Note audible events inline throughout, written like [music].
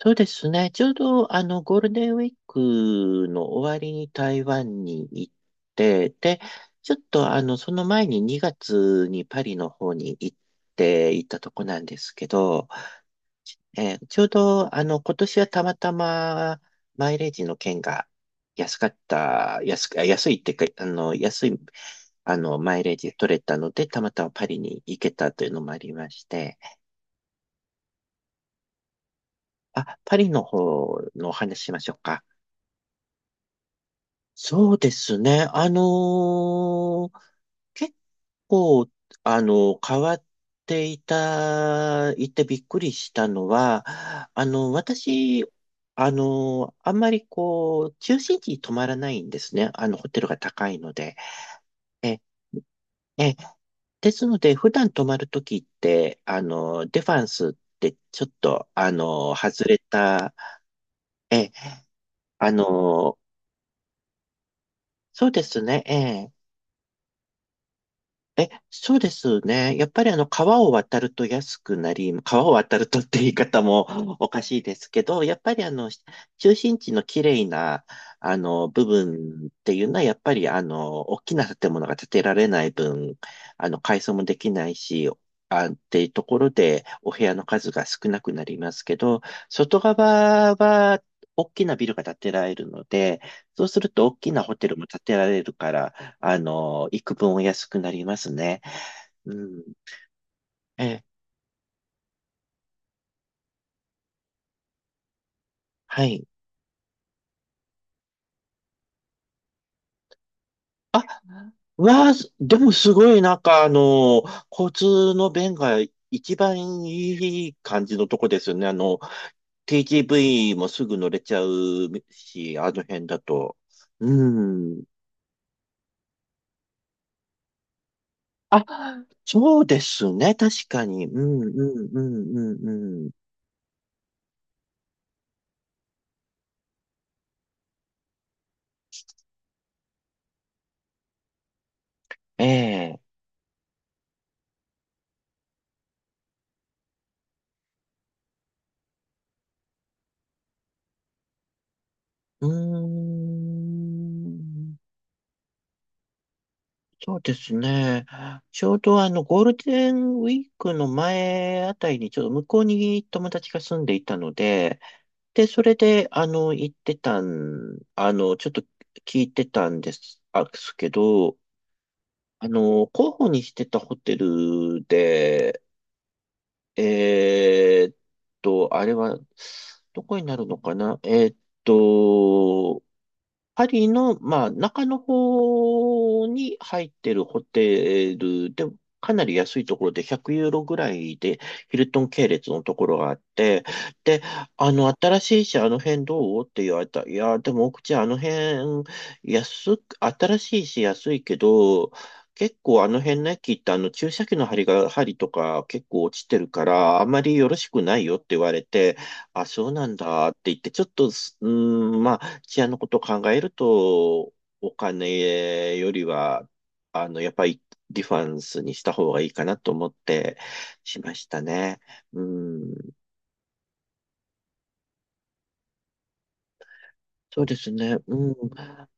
そうですね。ちょうど、ゴールデンウィークの終わりに台湾に行って、で、ちょっと、その前に2月にパリの方に行っていたとこなんですけど、ちょうど、今年はたまたまマイレージの券が安かった、安く、あ安いっていうか、あの、安い、あの、マイレージ取れたので、たまたまパリに行けたというのもありまして、あ、パリの方のお話ししましょうか。そうですね。結構、あの、変わっていた、いてびっくりしたのは、私、あんまりこう、中心地に泊まらないんですね。ホテルが高いので。え、え、ですので、普段泊まるときって、デファンスってちょっと、外れた、え、あの、そうですね、えええ、そうですね。やっぱり川を渡るとって言い方もおかしいですけど、やっぱり中心地の綺麗な、部分っていうのは、やっぱり大きな建物が建てられない分、改装もできないし、っていうところで、お部屋の数が少なくなりますけど、外側は、大きなビルが建てられるので、そうすると大きなホテルも建てられるから、幾分お安くなりますね。うん。え、はい。わあ、でもすごい、なんか、交通の便が一番いい感じのとこですよね。TGV もすぐ乗れちゃうし、あの辺だと。うん。あ、そうですね。確かに。うん、うん、うん、うん、うん。ええ。うーん。そうですね。ちょうどゴールデンウィークの前あたりに、ちょっと向こうに友達が住んでいたので、で、それで、あの、行ってたん、あの、ちょっと聞いてたんです、あすけど、候補にしてたホテルで、えーっあれは、どこになるのかなと、パリの、まあ、中の方に入ってるホテルで、かなり安いところで100ユーロぐらいで、ヒルトン系列のところがあって、で、新しいし、あの辺どうって言われた。いや、でも、奥地、あの辺、安く、新しいし、安いけど、結構あの辺の駅ってあの注射器の針とか結構落ちてるから、あまりよろしくないよって言われて、あ、そうなんだって言って、ちょっとす、うーん、まあ、治安のことを考えると、お金よりは、やっぱりディファンスにした方がいいかなと思ってしましたね。うん。そうですね。うん。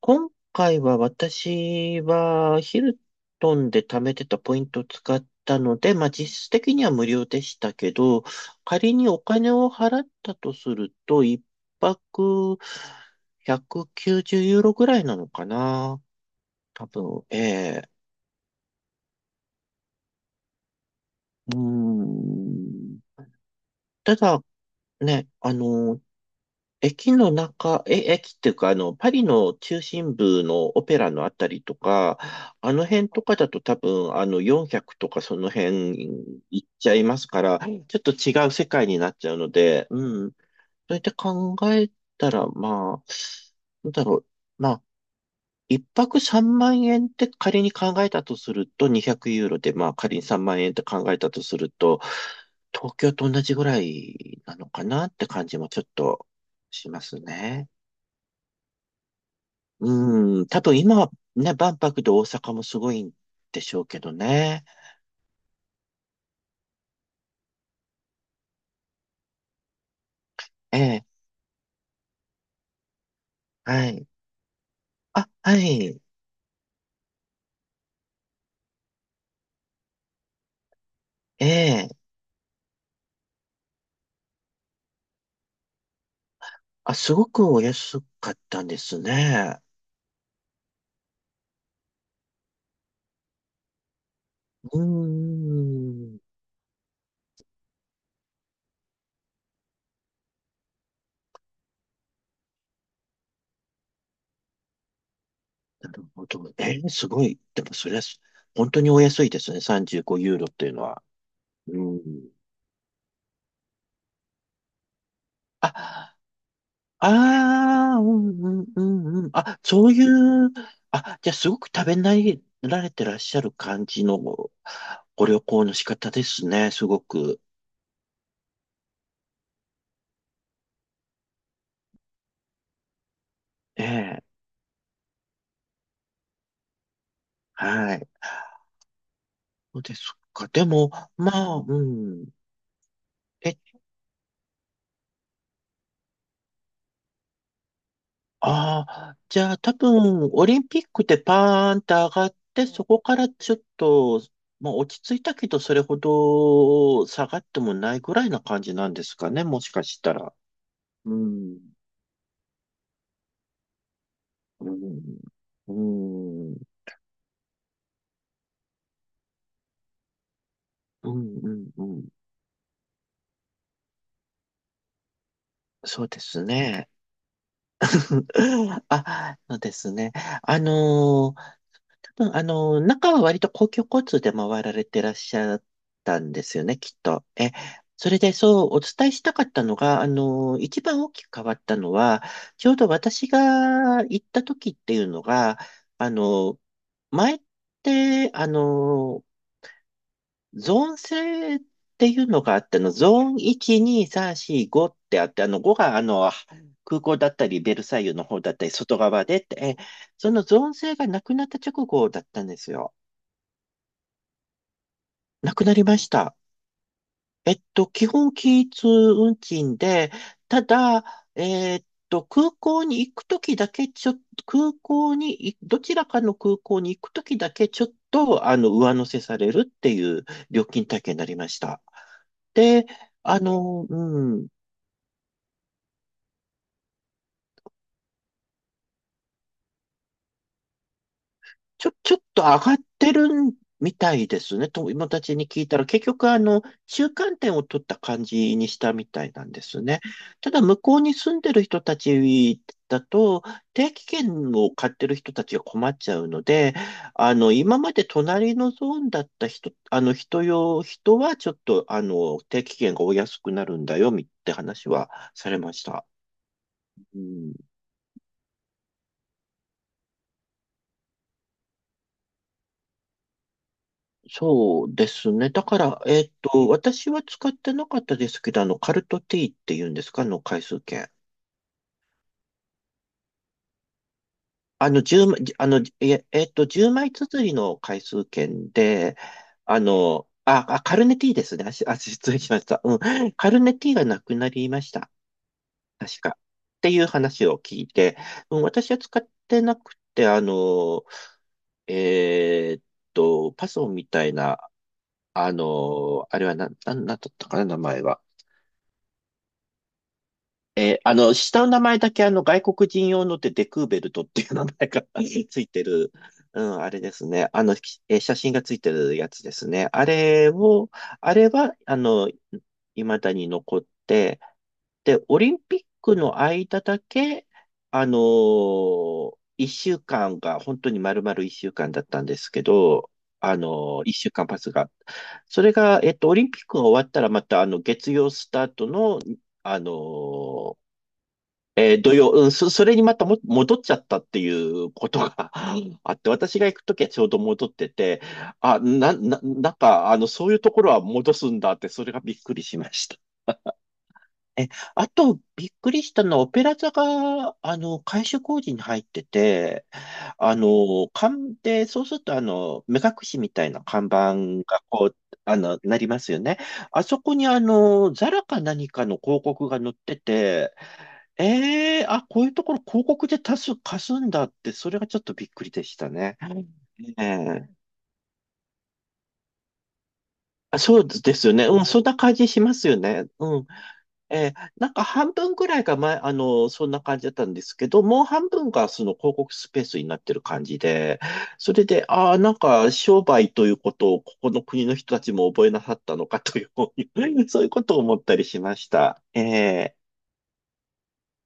今回は私はヒルトンで貯めてたポイントを使ったので、まあ実質的には無料でしたけど、仮にお金を払ったとすると、一泊190ユーロぐらいなのかな。多分、ええ、うーん。ただ、ね、あの、駅の中、え、駅っていうか、パリの中心部のオペラのあたりとか、あの辺とかだと多分、400とかその辺行っちゃいますから、はい、ちょっと違う世界になっちゃうので、うん。そうやって考えたら、まあ、なんだろう。まあ一泊3万円って仮に考えたとすると、200ユーロで、まあ仮に3万円って考えたとすると、東京と同じぐらいなのかなって感じもちょっとしますね。うん、多分今はね、万博で大阪もすごいんでしょうけどね。ええ、はい。あ、はい。ええ、あ、すごくお安かったんですね。うーん。なるほど。すごい。でも、それは、本当にお安いですね。35ユーロっていうのは。うん。あ、ああ、うんうんうんうん。あ、そういう、あ、じゃあ、すごく食べ慣られてらっしゃる感じのご旅行の仕方ですね。すごく。ええ、はい。そうですか。でも、まあ、うん。え、ああ、じゃあ多分、オリンピックでパーンって上がって、そこからちょっと、まあ落ち着いたけど、それほど下がってもないぐらいな感じなんですかね、もしかしたら。うん、うん、うん、うん、うん、うん、そうですね。[laughs] あ、そうですね。あのー多分、中は割と公共交通で回られてらっしゃったんですよね、きっと。え、それでそうお伝えしたかったのが、一番大きく変わったのは、ちょうど私が行った時っていうのが、あの、前って、ゾーン制っていうのがあっての、ゾーン1、2、3、4、5ってあって、5が空港だったり、ベルサイユの方だったり、外側でって、そのゾーン制がなくなった直後だったんですよ。なくなりました。えっと、基本均一運賃で、ただ、えっと、空港に行くときだけ、ちょっと、空港にい、どちらかの空港に行くときだけ、ちょっと、上乗せされるっていう料金体系になりました。で、あの、うん、ちょっと上がってるみたいですね。友達に聞いたら、結局中間点を取った感じにしたみたいなんですね。ただ、向こうに住んでる人たちだと、定期券を買ってる人たちが困っちゃうので、今まで隣のゾーンだった人、あの、人用、人はちょっと、定期券がお安くなるんだよ、みって話はされました。うん、そうですね。だから、えっと、私は使ってなかったですけど、カルトティーっていうんですか、回数券。あの、10枚、じあの、いえ、えっと、10枚綴りの回数券で、カルネティーですね。あ、失礼しました。うん。カルネティーがなくなりました。確か。っていう話を聞いて、うん、私は使ってなくて、えーっパソンみたいな、あの、あれはな、な、なんだったかな、名前は。下の名前だけ外国人用のでデクーベルトっていう名前が [laughs] ついてる、うん、あれですね。写真がついてるやつですね。あれを、あれは、未だに残って、で、オリンピックの間だけ、一週間が、本当に丸々一週間だったんですけど、一週間パスが。それが、えっと、オリンピックが終わったら、また、月曜スタートの、あのー土曜、うん、それにまたも戻っちゃったっていうことが [laughs] あって、私が行くときはちょうど戻ってて、あ、なんか、そういうところは戻すんだって、それがびっくりしました。え、あと、びっくりしたのは、オペラ座が、改修工事に入ってて、そうすると、目隠しみたいな看板が、こう、なりますよね。あそこに、ザラか何かの広告が載ってて、こういうところ広告で多数貸すんだって、それがちょっとびっくりでしたね。はい、ええそうですよね。うん、そんな感じしますよね。うん。なんか半分ぐらいが前、そんな感じだったんですけど、もう半分がその広告スペースになってる感じで、それで、ああ、なんか商売ということをここの国の人たちも覚えなさったのかという、[laughs] そういうことを思ったりしました。ー